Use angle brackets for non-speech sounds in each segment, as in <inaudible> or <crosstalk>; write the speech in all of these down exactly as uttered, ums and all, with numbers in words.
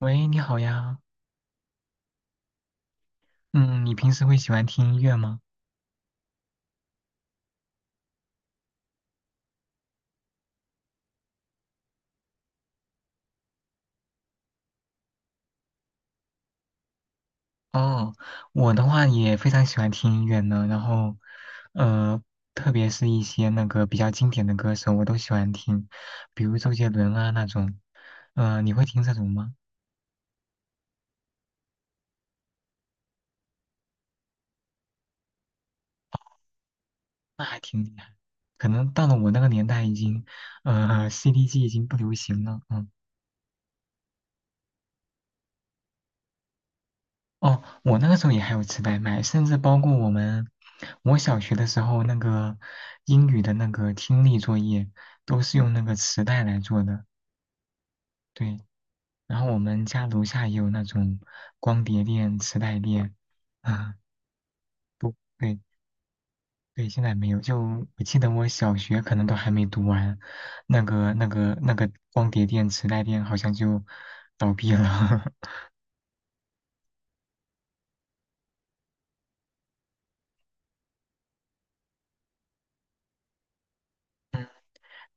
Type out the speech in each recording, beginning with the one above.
喂，你好呀。嗯，你平时会喜欢听音乐吗？哦，我的话也非常喜欢听音乐呢。然后，呃，特别是一些那个比较经典的歌手，我都喜欢听，比如周杰伦啊那种。呃，你会听这种吗？那还挺厉害。可能到了我那个年代，已经，呃 c d 机已经不流行了。嗯。哦，我那个时候也还有磁带卖，甚至包括我们，我小学的时候那个英语的那个听力作业都是用那个磁带来做的，对。然后我们家楼下也有那种光碟店、磁带店，啊，不对对，现在没有。就我记得我小学可能都还没读完，那个那个那个光碟店、磁带店好像就倒闭了，<laughs>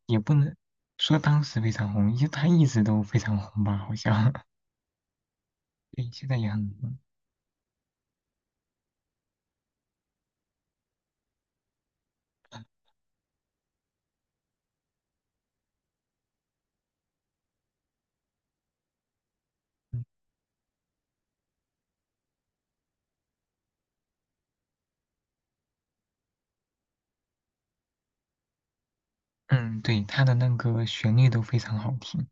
也不能说当时非常红，因为它一直都非常红吧，好像。对，现在也很多嗯嗯，嗯对，它的那个旋律都非常好听。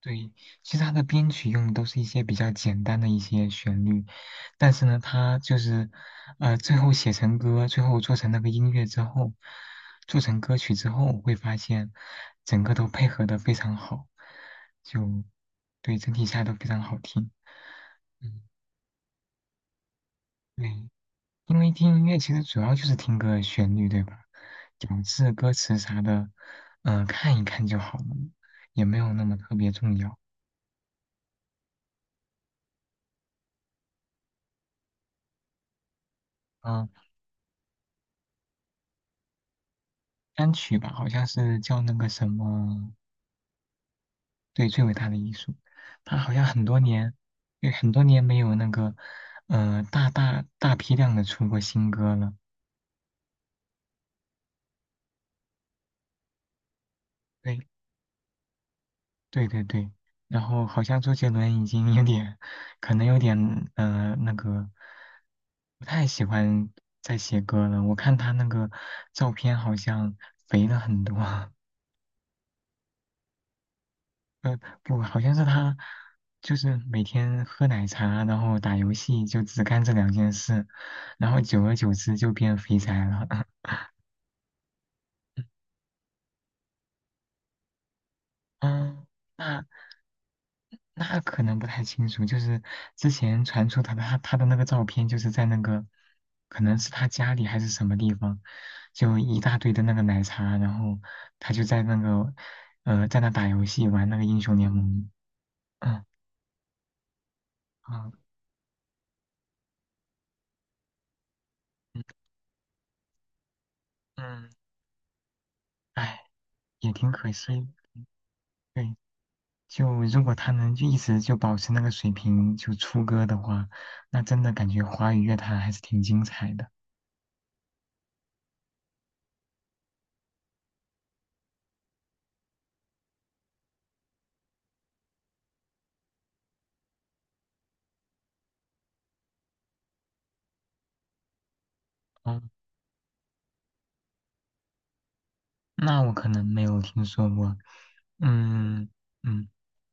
对，其实它的编曲用的都是一些比较简单的一些旋律，但是呢，它就是呃最后写成歌，最后做成那个音乐之后，做成歌曲之后，会发现整个都配合的非常好，就对，整体下来都非常好听。嗯，对，因为听音乐其实主要就是听个旋律，对吧？咬字、歌词啥的，嗯、看一看就好了，也没有那么特别重要。嗯、单曲吧，好像是叫那个什么，对，最伟大的艺术，他好像很多年，对，很多年没有那个，呃，大大大批量的出过新歌了。对。对对对，然后好像周杰伦已经有点，可能有点呃那个，不太喜欢在写歌了。我看他那个照片好像肥了很多，<laughs> 呃不，好像是他就是每天喝奶茶，然后打游戏，就只干这两件事，然后久而久之就变肥宅了。<laughs> 嗯，那那可能不太清楚，就是之前传出他的他他的那个照片，就是在那个，可能是他家里还是什么地方，就一大堆的那个奶茶，然后他就在那个，呃，在那打游戏玩那个英雄联盟，嗯嗯嗯嗯，哎，也挺可惜，对，就如果他能就一直就保持那个水平就出歌的话，那真的感觉华语乐坛还是挺精彩的，哦，那我可能没有听说过，嗯。嗯，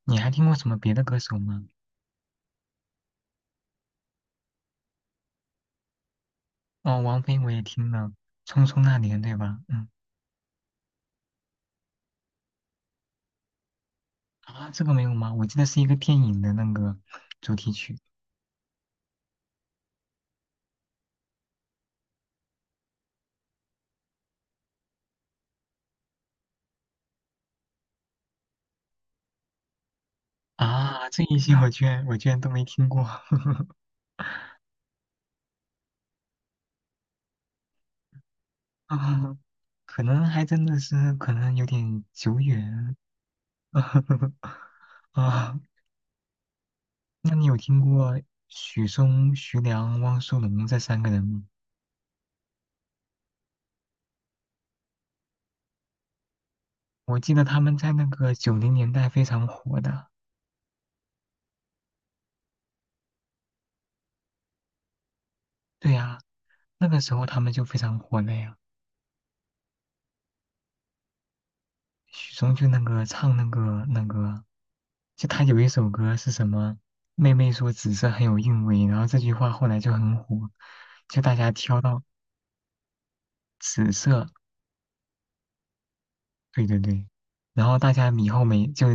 你还听过什么别的歌手吗？哦，王菲我也听了，《匆匆那年》对吧？嗯，啊，这个没有吗？我记得是一个电影的那个主题曲啊，这一些我居然我居然都没听过，<laughs> 啊，可能还真的是可能有点久远 <laughs> 啊。那你有听过许嵩、徐良、汪苏泷这三个人吗？我记得他们在那个九零年代非常火的，对呀、那个时候他们就非常火了呀。许嵩就那个唱那个那个，就他有一首歌是什么？妹妹说紫色很有韵味，然后这句话后来就很火，就大家挑到紫色，对对对，然后大家以后每就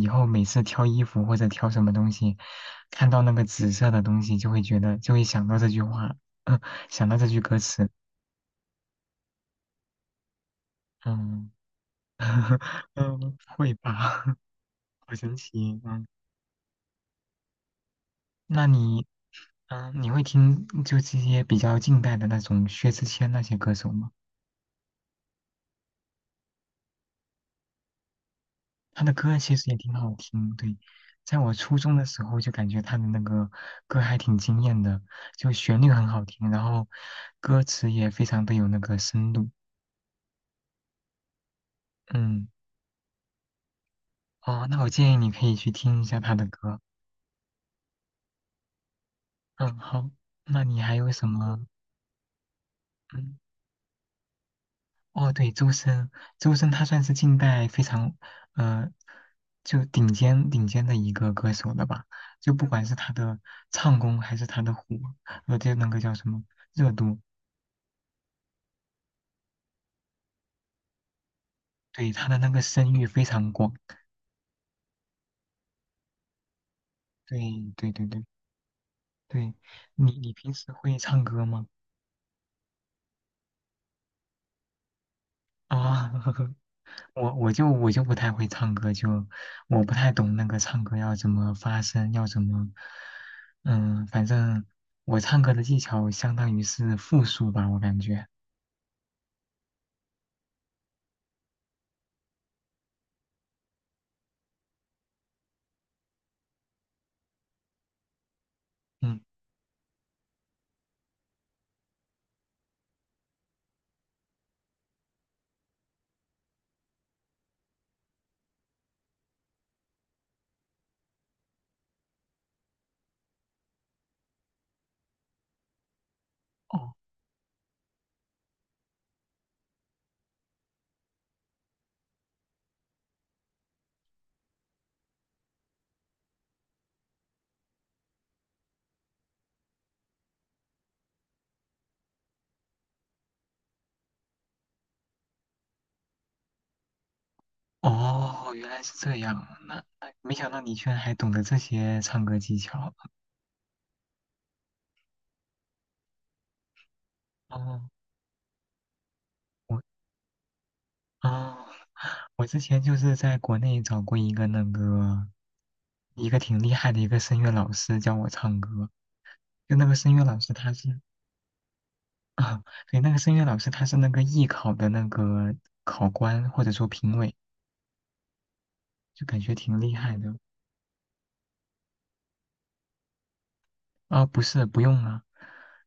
以后每次挑衣服或者挑什么东西，看到那个紫色的东西就会觉得就会想到这句话，嗯想到这句歌词，嗯 <laughs> 嗯，会吧，<laughs> 好神奇，嗯。那你嗯，你会听就这些比较近代的那种薛之谦那些歌手吗？他的歌其实也挺好听，对，在我初中的时候就感觉他的那个歌还挺惊艳的，就旋律很好听，然后歌词也非常的有那个深度。嗯，哦，那我建议你可以去听一下他的歌。嗯，好，那你还有什么？嗯。哦，对，周深，周深他算是近代非常，呃，就顶尖顶尖的一个歌手了吧？就不管是他的唱功还是他的火，呃，就那个叫什么热度，对，他的那个声誉非常广。对对对对对，你你平时会唱歌吗？啊，<laughs> 我我就我就不太会唱歌，就我不太懂那个唱歌要怎么发声，要怎么，嗯，反正我唱歌的技巧相当于是复数吧，我感觉，嗯，哦哦，原来是这样，那那没想到你居然还懂得这些唱歌技巧，哦，我哦，我之前就是在国内找过一个那个一个挺厉害的一个声乐老师教我唱歌，就那个声乐老师他是。啊，对，那个声乐老师他是那个艺考的那个考官或者说评委，就感觉挺厉害的。啊，不是，不用啊，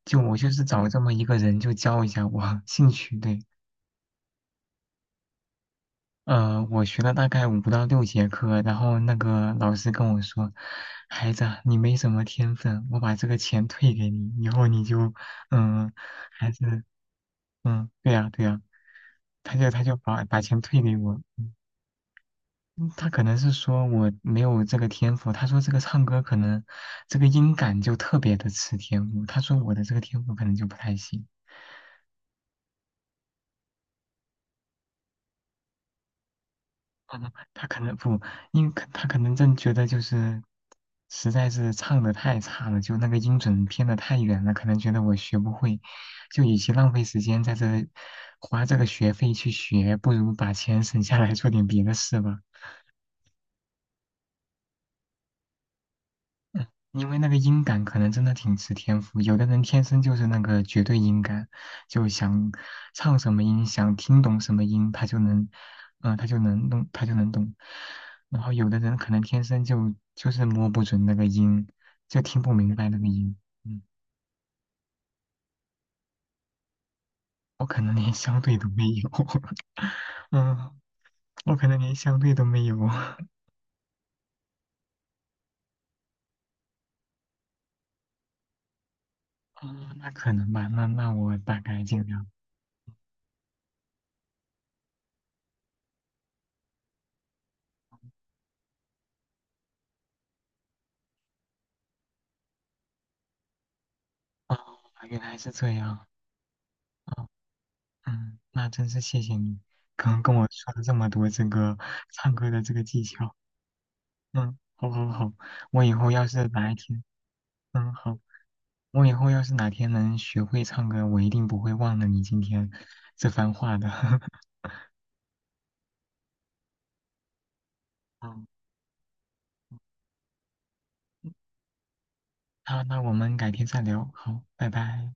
就我就是找这么一个人就教一下我 <laughs> 兴趣。对，呃，我学了大概五到六节课，然后那个老师跟我说，孩子啊你没什么天分，我把这个钱退给你，以后你就，嗯，还是，嗯，对呀，对呀，他就他就把把钱退给我，嗯他可能是说我没有这个天赋，他说这个唱歌可能这个音感就特别的吃天赋，他说我的这个天赋可能就不太行，<laughs> 嗯他可能不，因可他可能真觉得就是实在是唱的太差了，就那个音准偏的太远了，可能觉得我学不会，就与其浪费时间在这花这个学费去学，不如把钱省下来做点别的事吧。因为那个音感可能真的挺吃天赋，有的人天生就是那个绝对音感，就想唱什么音，想听懂什么音，他就能，嗯、他就能弄，他就能懂。然后有的人可能天生就就是摸不准那个音，就听不明白那个音。嗯，我可能连相对都没有，<laughs> 嗯，我可能连相对都没有。<laughs> 哦，那可能吧，那那我大概尽量。哦，原来是这样。哦，嗯，那真是谢谢你，刚跟我说了这么多这个唱歌的这个技巧。嗯，好好好，我以后要是哪一天，嗯好，我以后要是哪天能学会唱歌，我一定不会忘了你今天这番话的。<laughs> 嗯，那那我们改天再聊，好，拜拜。